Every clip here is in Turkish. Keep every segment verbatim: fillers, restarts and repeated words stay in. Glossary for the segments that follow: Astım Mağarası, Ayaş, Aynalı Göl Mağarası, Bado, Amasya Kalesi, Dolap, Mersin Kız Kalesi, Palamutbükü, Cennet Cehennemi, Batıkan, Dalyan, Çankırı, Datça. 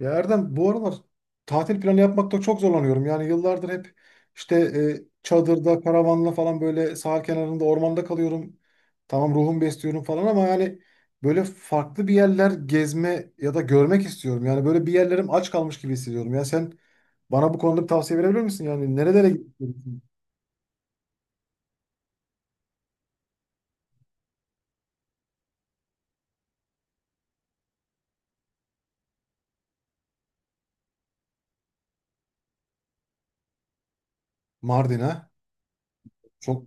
Ya Erdem bu aralar tatil planı yapmakta çok zorlanıyorum. Yani yıllardır hep işte e, çadırda, karavanla falan böyle sahil kenarında, ormanda kalıyorum. Tamam, ruhumu besliyorum falan ama yani böyle farklı bir yerler gezme ya da görmek istiyorum. Yani böyle bir yerlerim aç kalmış gibi hissediyorum. Ya sen bana bu konuda bir tavsiye verebilir misin? Yani nerelere gitmek istiyorsun? Mardin'e. Çok.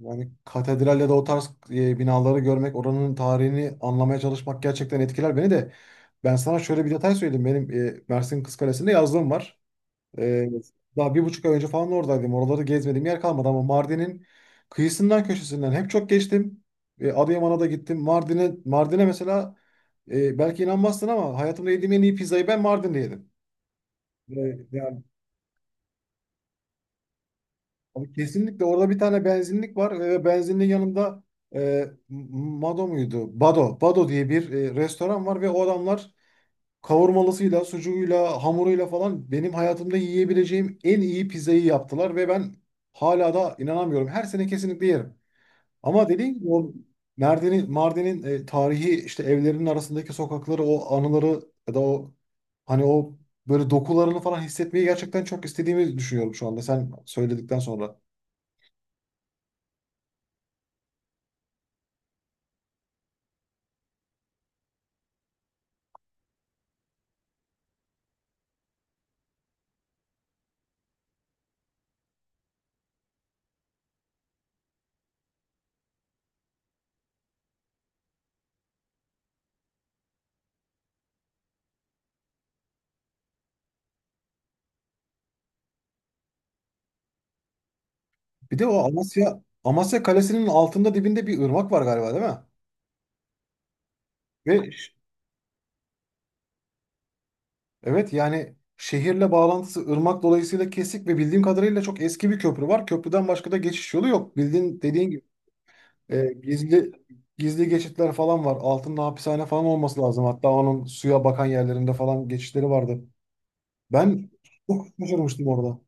Yani katedralde de o tarz e, binaları görmek, oranın tarihini anlamaya çalışmak gerçekten etkiler beni de. Ben sana şöyle bir detay söyleyeyim. Benim e, Mersin Kız Kalesi'nde yazlığım var. E, Daha bir buçuk ay önce falan oradaydım. Oraları gezmediğim yer kalmadı ama Mardin'in kıyısından köşesinden hep çok geçtim. E, Adıyaman'a da gittim. Mardin'e Mardin'e mesela e, belki inanmazsın ama hayatımda yediğim en iyi pizzayı ben Mardin'de yedim. E, yani Abi, kesinlikle orada bir tane benzinlik var ve benzinliğin yanında e, Mado muydu? Bado. Bado diye bir e, restoran var ve o adamlar kavurmalısıyla, sucuğuyla, hamuruyla falan benim hayatımda yiyebileceğim en iyi pizzayı yaptılar ve ben hala da inanamıyorum. Her sene kesinlikle yerim. Ama dediğim gibi o Mardin'in Mardin'in e, tarihi işte evlerinin arasındaki sokakları, o anıları ya da o hani o böyle dokularını falan hissetmeyi gerçekten çok istediğimi düşünüyorum şu anda sen söyledikten sonra. Bir de o Amasya Amasya Kalesi'nin altında, dibinde bir ırmak var galiba, değil mi? Ve ş- evet, yani şehirle bağlantısı ırmak dolayısıyla kesik ve bildiğim kadarıyla çok eski bir köprü var. Köprüden başka da geçiş yolu yok. Bildiğin, dediğin gibi e, gizli gizli geçitler falan var. Altında hapishane falan olması lazım. Hatta onun suya bakan yerlerinde falan geçişleri vardı. Ben çok şaşırmıştım orada.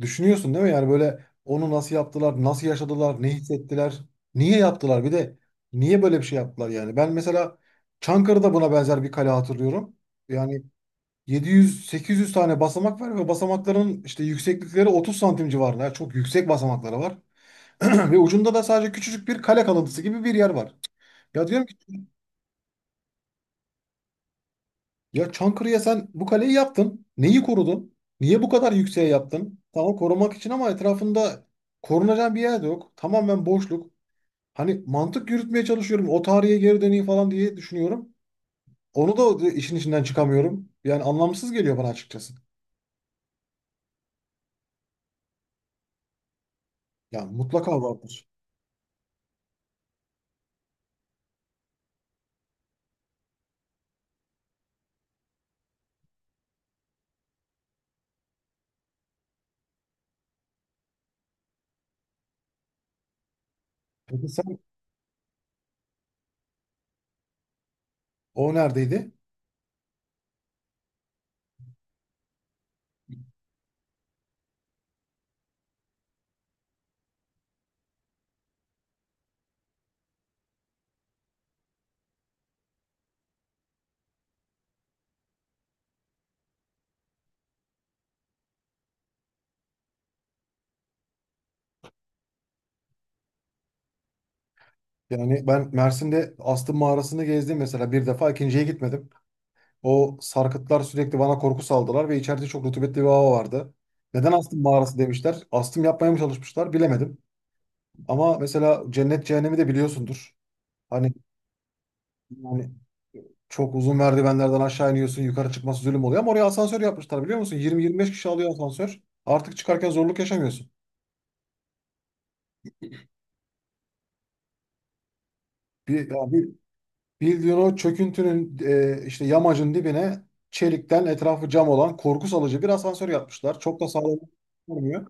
Düşünüyorsun, değil mi? Yani böyle onu nasıl yaptılar, nasıl yaşadılar, ne hissettiler, niye yaptılar? Bir de niye böyle bir şey yaptılar yani? Ben mesela Çankırı'da buna benzer bir kale hatırlıyorum. Yani yedi yüz sekiz yüz tane basamak var ve basamakların işte yükseklikleri otuz santim civarında. Yani çok yüksek basamakları var. Ve ucunda da sadece küçücük bir kale kalıntısı gibi bir yer var. Ya diyorum ki, ya Çankırı'ya sen bu kaleyi yaptın. Neyi korudun? Niye bu kadar yükseğe yaptın? Tamam, korumak için ama etrafında korunacak bir yer de yok. Tamamen boşluk. Hani mantık yürütmeye çalışıyorum. O tarihe geri döneyim falan diye düşünüyorum. Onu da işin içinden çıkamıyorum. Yani anlamsız geliyor bana açıkçası. Yani mutlaka vardır. Peki sen, o neredeydi? Yani ben Mersin'de Astım Mağarası'nı gezdim mesela, bir defa, ikinciye gitmedim. O sarkıtlar sürekli bana korku saldılar ve içeride çok rutubetli bir hava vardı. Neden astım mağarası demişler? Astım yapmaya mı çalışmışlar, bilemedim. Ama mesela cennet cehennemi de biliyorsundur. Hani yani çok uzun merdivenlerden aşağı iniyorsun, yukarı çıkması zulüm oluyor ama oraya asansör yapmışlar, biliyor musun? yirmi yirmi beş kişi alıyor asansör. Artık çıkarken zorluk yaşamıyorsun. Bir, ya bir, Bildiğin o çöküntünün e, işte yamacın dibine çelikten, etrafı cam olan, korku salıcı bir asansör yapmışlar. Çok da sağlam olmuyor.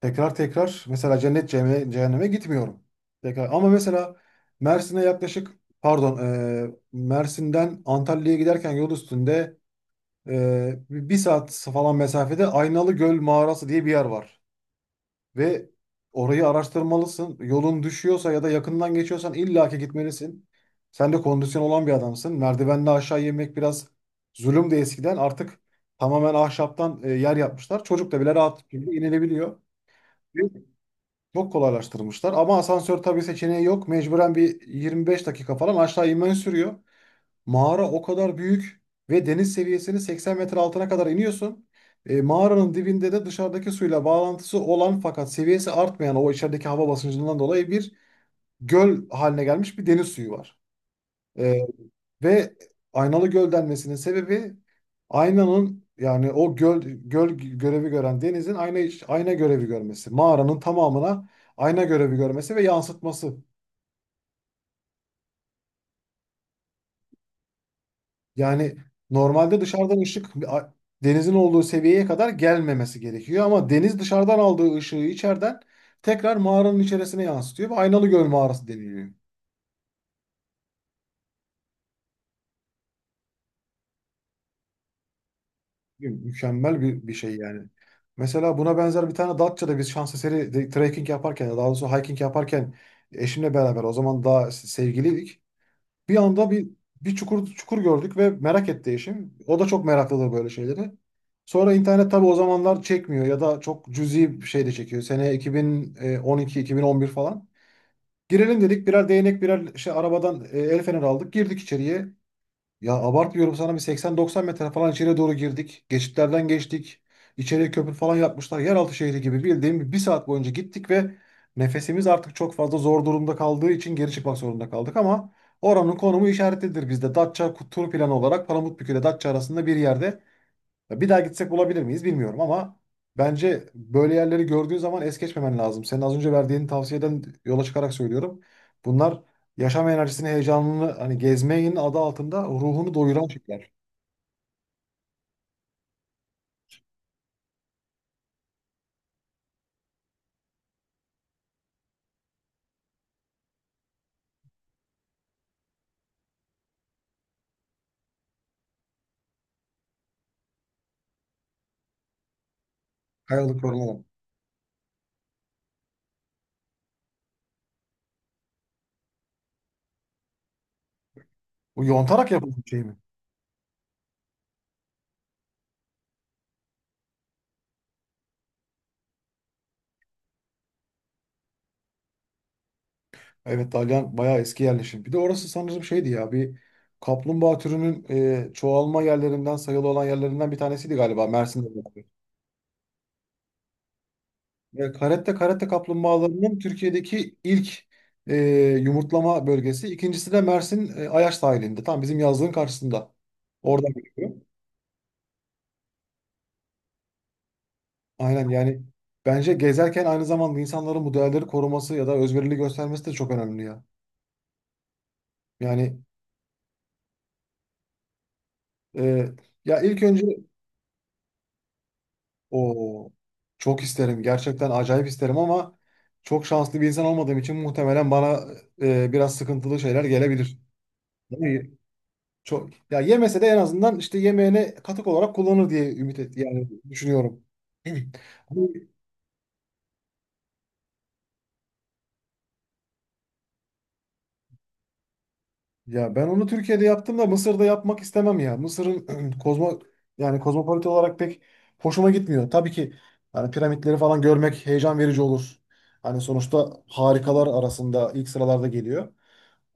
Tekrar tekrar mesela cennet cehenneme, cehenneme, gitmiyorum. Tekrar. Ama mesela Mersin'e yaklaşık, pardon, e, Mersin'den Antalya'ya giderken yol üstünde e, bir saat falan mesafede Aynalı Göl Mağarası diye bir yer var. Ve orayı araştırmalısın. Yolun düşüyorsa ya da yakından geçiyorsan illaki gitmelisin. Sen de kondisyon olan bir adamsın. Merdivenden aşağı yemek biraz zulümdü eskiden. Artık tamamen ahşaptan e, yer yapmışlar. Çocuk da bile rahat bir şekilde inilebiliyor. Çok kolaylaştırmışlar ama asansör tabii seçeneği yok. Mecburen bir yirmi beş dakika falan aşağı inmen sürüyor. Mağara o kadar büyük ve deniz seviyesinin seksen metre altına kadar iniyorsun. E, mağaranın dibinde de dışarıdaki suyla bağlantısı olan fakat seviyesi artmayan, o içerideki hava basıncından dolayı bir göl haline gelmiş bir deniz suyu var. E, ve aynalı göl denmesinin sebebi, aynanın yani o göl, göl görevi gören denizin ayna, ayna görevi görmesi. Mağaranın tamamına ayna görevi görmesi ve yansıtması. Yani normalde dışarıdan ışık, a- denizin olduğu seviyeye kadar gelmemesi gerekiyor. Ama deniz dışarıdan aldığı ışığı içeriden tekrar mağaranın içerisine yansıtıyor ve aynalı göl mağarası deniliyor. Mükemmel bir, bir şey yani. Mesela buna benzer bir tane Datça'da biz şans eseri de- trekking yaparken, daha doğrusu hiking yaparken, eşimle beraber, o zaman daha se- sevgiliydik. Bir anda bir bir çukur çukur gördük ve merak etti eşim. O da çok meraklıdır böyle şeyleri. Sonra internet tabii o zamanlar çekmiyor ya da çok cüzi bir şey de çekiyor. Sene iki bin on iki-iki bin on bir falan. Girelim dedik, birer değnek, birer şey arabadan e, el feneri aldık. Girdik içeriye. Ya abartmıyorum sana, bir seksen doksan metre falan içeriye doğru girdik. Geçitlerden geçtik. İçeriye köprü falan yapmışlar. Yeraltı şehri gibi, bildiğim bir saat boyunca gittik ve nefesimiz artık çok fazla zor durumda kaldığı için geri çıkmak zorunda kaldık ama oranın konumu işaretlidir bizde. Datça tur planı olarak Palamutbükü ile Datça arasında bir yerde. Ya bir daha gitsek bulabilir miyiz bilmiyorum ama bence böyle yerleri gördüğün zaman es geçmemen lazım. Senin az önce verdiğin tavsiyeden yola çıkarak söylüyorum. Bunlar yaşam enerjisini, heyecanını, hani gezmeyin adı altında ruhunu doyuran şeyler. Kayalıklar olan. Bu yontarak yapılan bir şey mi? Evet, Dalyan bayağı eski yerleşim. Bir de orası sanırım şeydi ya, bir kaplumbağa türünün e, çoğalma yerlerinden sayılı olan yerlerinden bir tanesiydi galiba, Mersin'de. Ve karette karette kaplumbağalarının Türkiye'deki ilk e, yumurtlama bölgesi. İkincisi de Mersin e, Ayaş sahilinde. Tam bizim yazlığın karşısında. Oradan geliyorum. Aynen yani bence gezerken aynı zamanda insanların bu değerleri koruması ya da özverili göstermesi de çok önemli ya. Yani e, ya ilk önce o çok isterim. Gerçekten acayip isterim ama çok şanslı bir insan olmadığım için muhtemelen bana e, biraz sıkıntılı şeyler gelebilir. Değil mi? Çok, ya yemese de en azından işte yemeğine katık olarak kullanır diye ümit et, yani düşünüyorum. Ama Ya ben onu Türkiye'de yaptım da Mısır'da yapmak istemem ya. Mısır'ın kozmo yani kozmopolit olarak pek hoşuma gitmiyor. Tabii ki yani piramitleri falan görmek heyecan verici olur. Hani sonuçta harikalar arasında ilk sıralarda geliyor.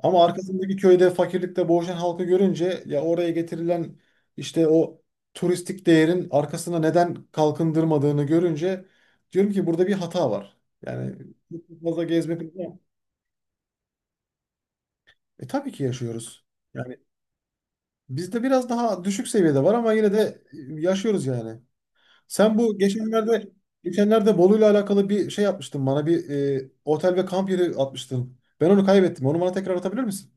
Ama arkasındaki köyde fakirlikte boğuşan halkı görünce, ya oraya getirilen işte o turistik değerin arkasına neden kalkındırmadığını görünce, diyorum ki burada bir hata var. Yani çok fazla gezmek. E tabii ki yaşıyoruz. Yani bizde biraz daha düşük seviyede var ama yine de e, yaşıyoruz yani. Sen bu geçenlerde geçenlerde Bolu'yla alakalı bir şey yapmıştın, bana bir e, otel ve kamp yeri atmıştın. Ben onu kaybettim. Onu bana tekrar atabilir misin?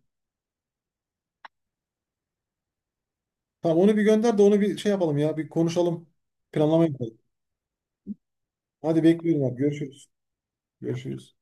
Tamam, onu bir gönder de onu bir şey yapalım ya. Bir konuşalım. Planlama yapalım. Hadi, bekliyorum abi. Görüşürüz. Görüşürüz.